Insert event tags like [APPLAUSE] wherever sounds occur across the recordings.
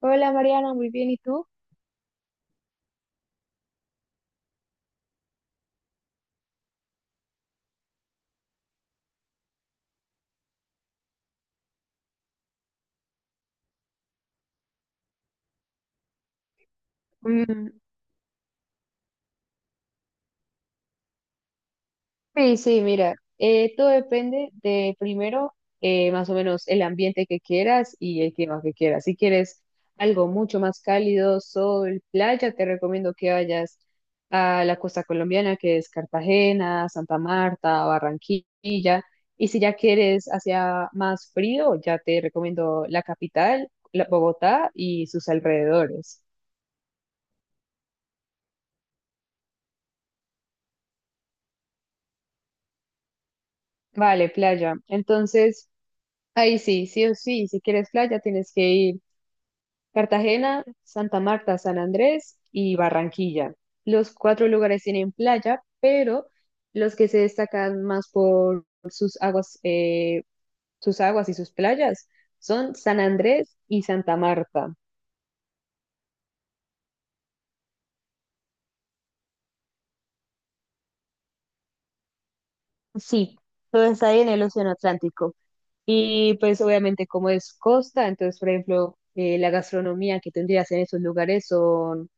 Hola Mariana, muy bien, ¿y tú? Mm, sí, sí, mira, todo depende de primero, más o menos el ambiente que quieras y el clima que quieras. Si quieres algo mucho más cálido, sol, playa, te recomiendo que vayas a la costa colombiana, que es Cartagena, Santa Marta, Barranquilla. Y si ya quieres hacia más frío, ya te recomiendo la capital, Bogotá y sus alrededores. Vale, playa. Entonces, ahí sí, sí o sí, si quieres playa tienes que ir Cartagena, Santa Marta, San Andrés y Barranquilla. Los cuatro lugares tienen playa, pero los que se destacan más por sus aguas y sus playas son San Andrés y Santa Marta. Sí, todo está ahí en el Océano Atlántico. Y pues obviamente como es costa, entonces por ejemplo la gastronomía que tendrías en esos lugares son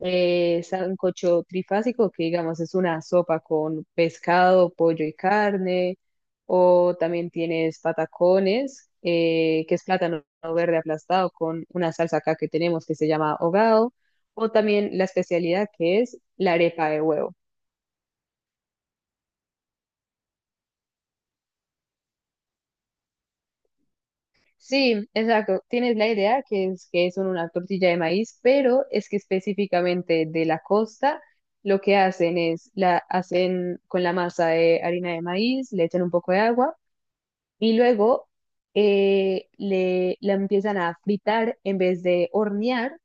Sancocho trifásico, que digamos es una sopa con pescado, pollo y carne, o también tienes patacones, que es plátano verde aplastado con una salsa acá que tenemos que se llama hogado, o también la especialidad que es la arepa de huevo. Sí, exacto. Tienes la idea que es una tortilla de maíz, pero es que específicamente de la costa lo que hacen es la hacen con la masa de harina de maíz, le echan un poco de agua y luego la empiezan a fritar en vez de hornear.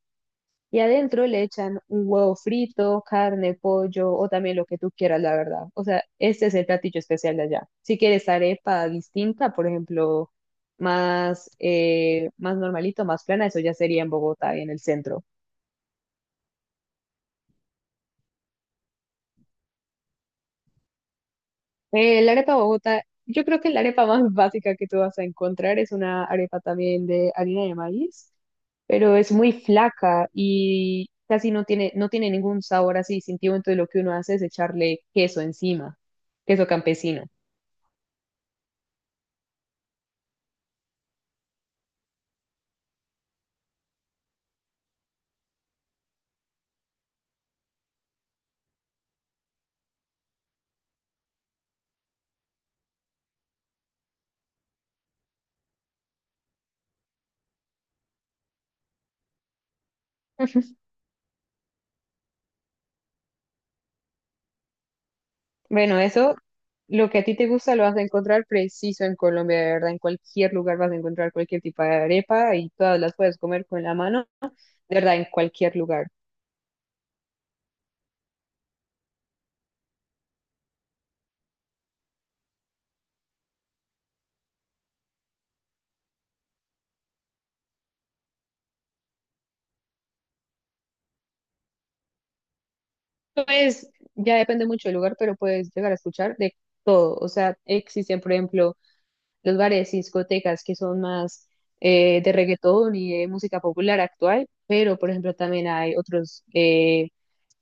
Y adentro le echan un huevo frito, carne, pollo o también lo que tú quieras, la verdad. O sea, este es el platillo especial de allá. Si quieres arepa distinta, por ejemplo, más, más normalito, más plana, eso ya sería en Bogotá y en el centro. La arepa Bogotá, yo creo que la arepa más [LAUGHS] básica que tú vas a encontrar es una arepa también de harina de maíz, pero es muy flaca y casi no tiene ningún sabor así distintivo, entonces lo que uno hace es echarle queso encima, queso campesino. [LAUGHS] Bueno, eso, lo que a ti te gusta lo vas a encontrar preciso en Colombia, de verdad. En cualquier lugar vas a encontrar cualquier tipo de arepa y todas las puedes comer con la mano, de verdad, en cualquier lugar. Pues ya depende mucho del lugar, pero puedes llegar a escuchar de todo. O sea, existen, por ejemplo, los bares y discotecas que son más de reggaetón y de música popular actual, pero, por ejemplo, también hay otros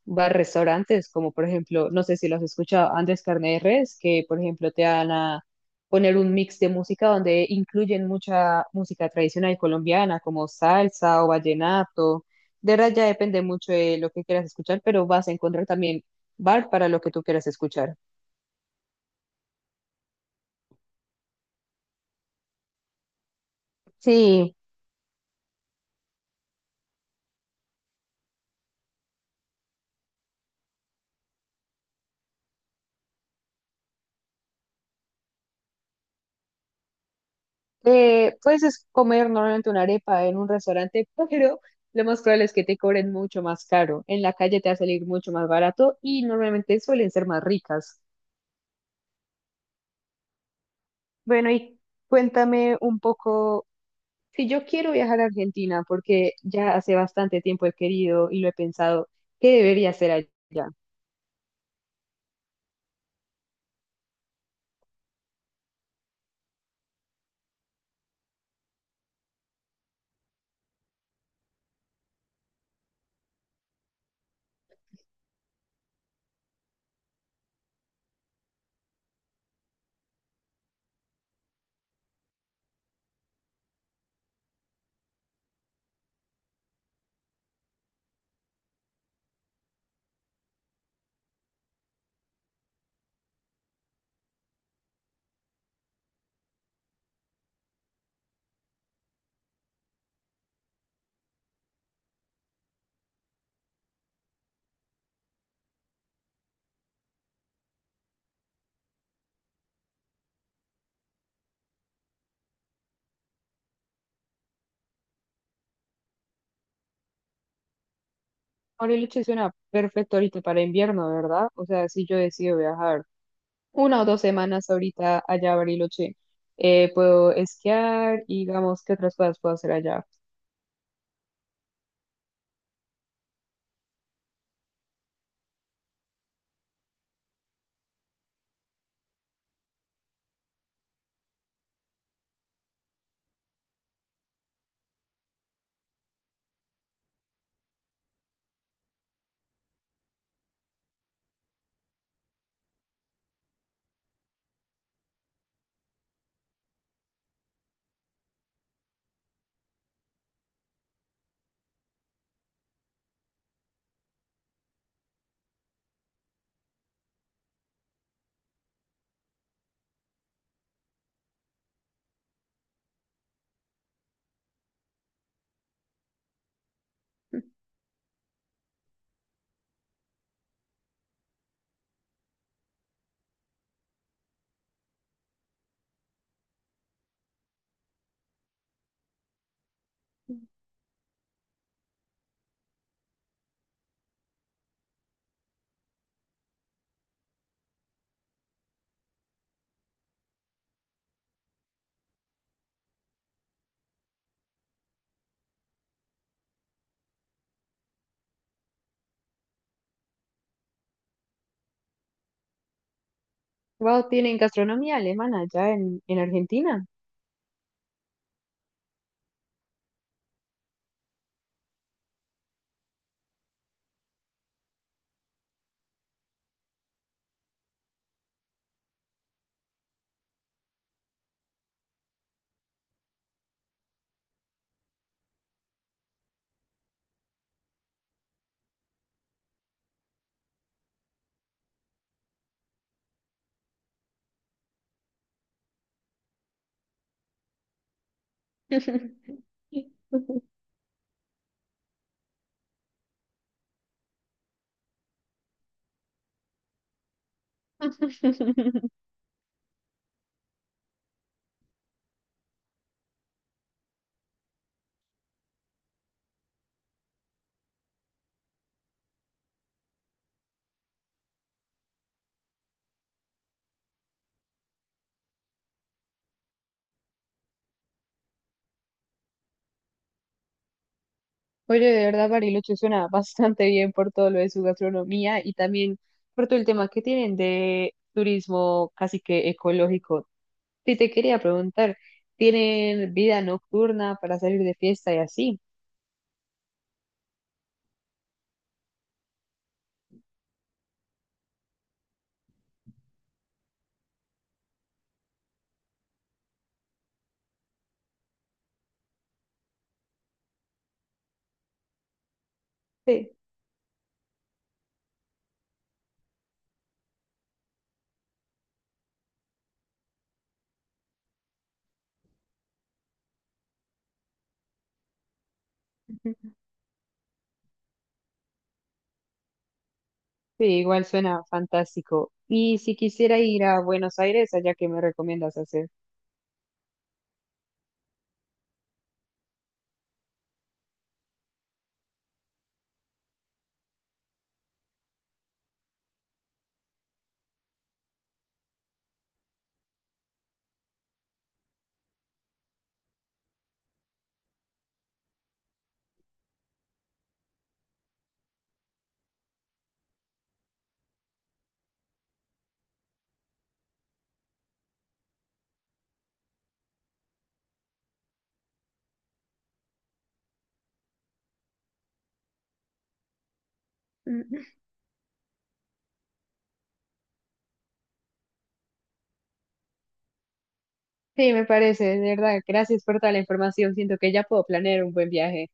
va a restaurantes, como por ejemplo, no sé si lo has escuchado, Andrés Carne de Res, que por ejemplo te van a poner un mix de música donde incluyen mucha música tradicional colombiana, como salsa o vallenato. De verdad ya depende mucho de lo que quieras escuchar, pero vas a encontrar también bar para lo que tú quieras escuchar. Sí, comer normalmente una arepa en un restaurante, [LAUGHS] pero lo más probable es que te cobren mucho más caro. En la calle te va a salir mucho más barato y normalmente suelen ser más ricas. Bueno, y cuéntame un poco, si yo quiero viajar a Argentina, porque ya hace bastante tiempo he querido y lo he pensado, ¿qué debería hacer allá? Bariloche suena perfecto ahorita para invierno, ¿verdad? O sea, si yo decido viajar una o dos semanas ahorita allá a Bariloche, puedo esquiar y digamos, ¿qué otras cosas puedo hacer allá? Wow, tienen gastronomía alemana allá en Argentina. [LAUGHS] Oye, de verdad, Bariloche suena bastante bien por todo lo de su gastronomía y también por todo el tema que tienen de turismo casi que ecológico. Sí, te quería preguntar, ¿tienen vida nocturna para salir de fiesta y así? Sí. [LAUGHS] Sí, igual suena fantástico. Y si quisiera ir a Buenos Aires, allá qué me recomiendas hacer. [LAUGHS] Sí, me parece, de verdad. Gracias por toda la información. Siento que ya puedo planear un buen viaje.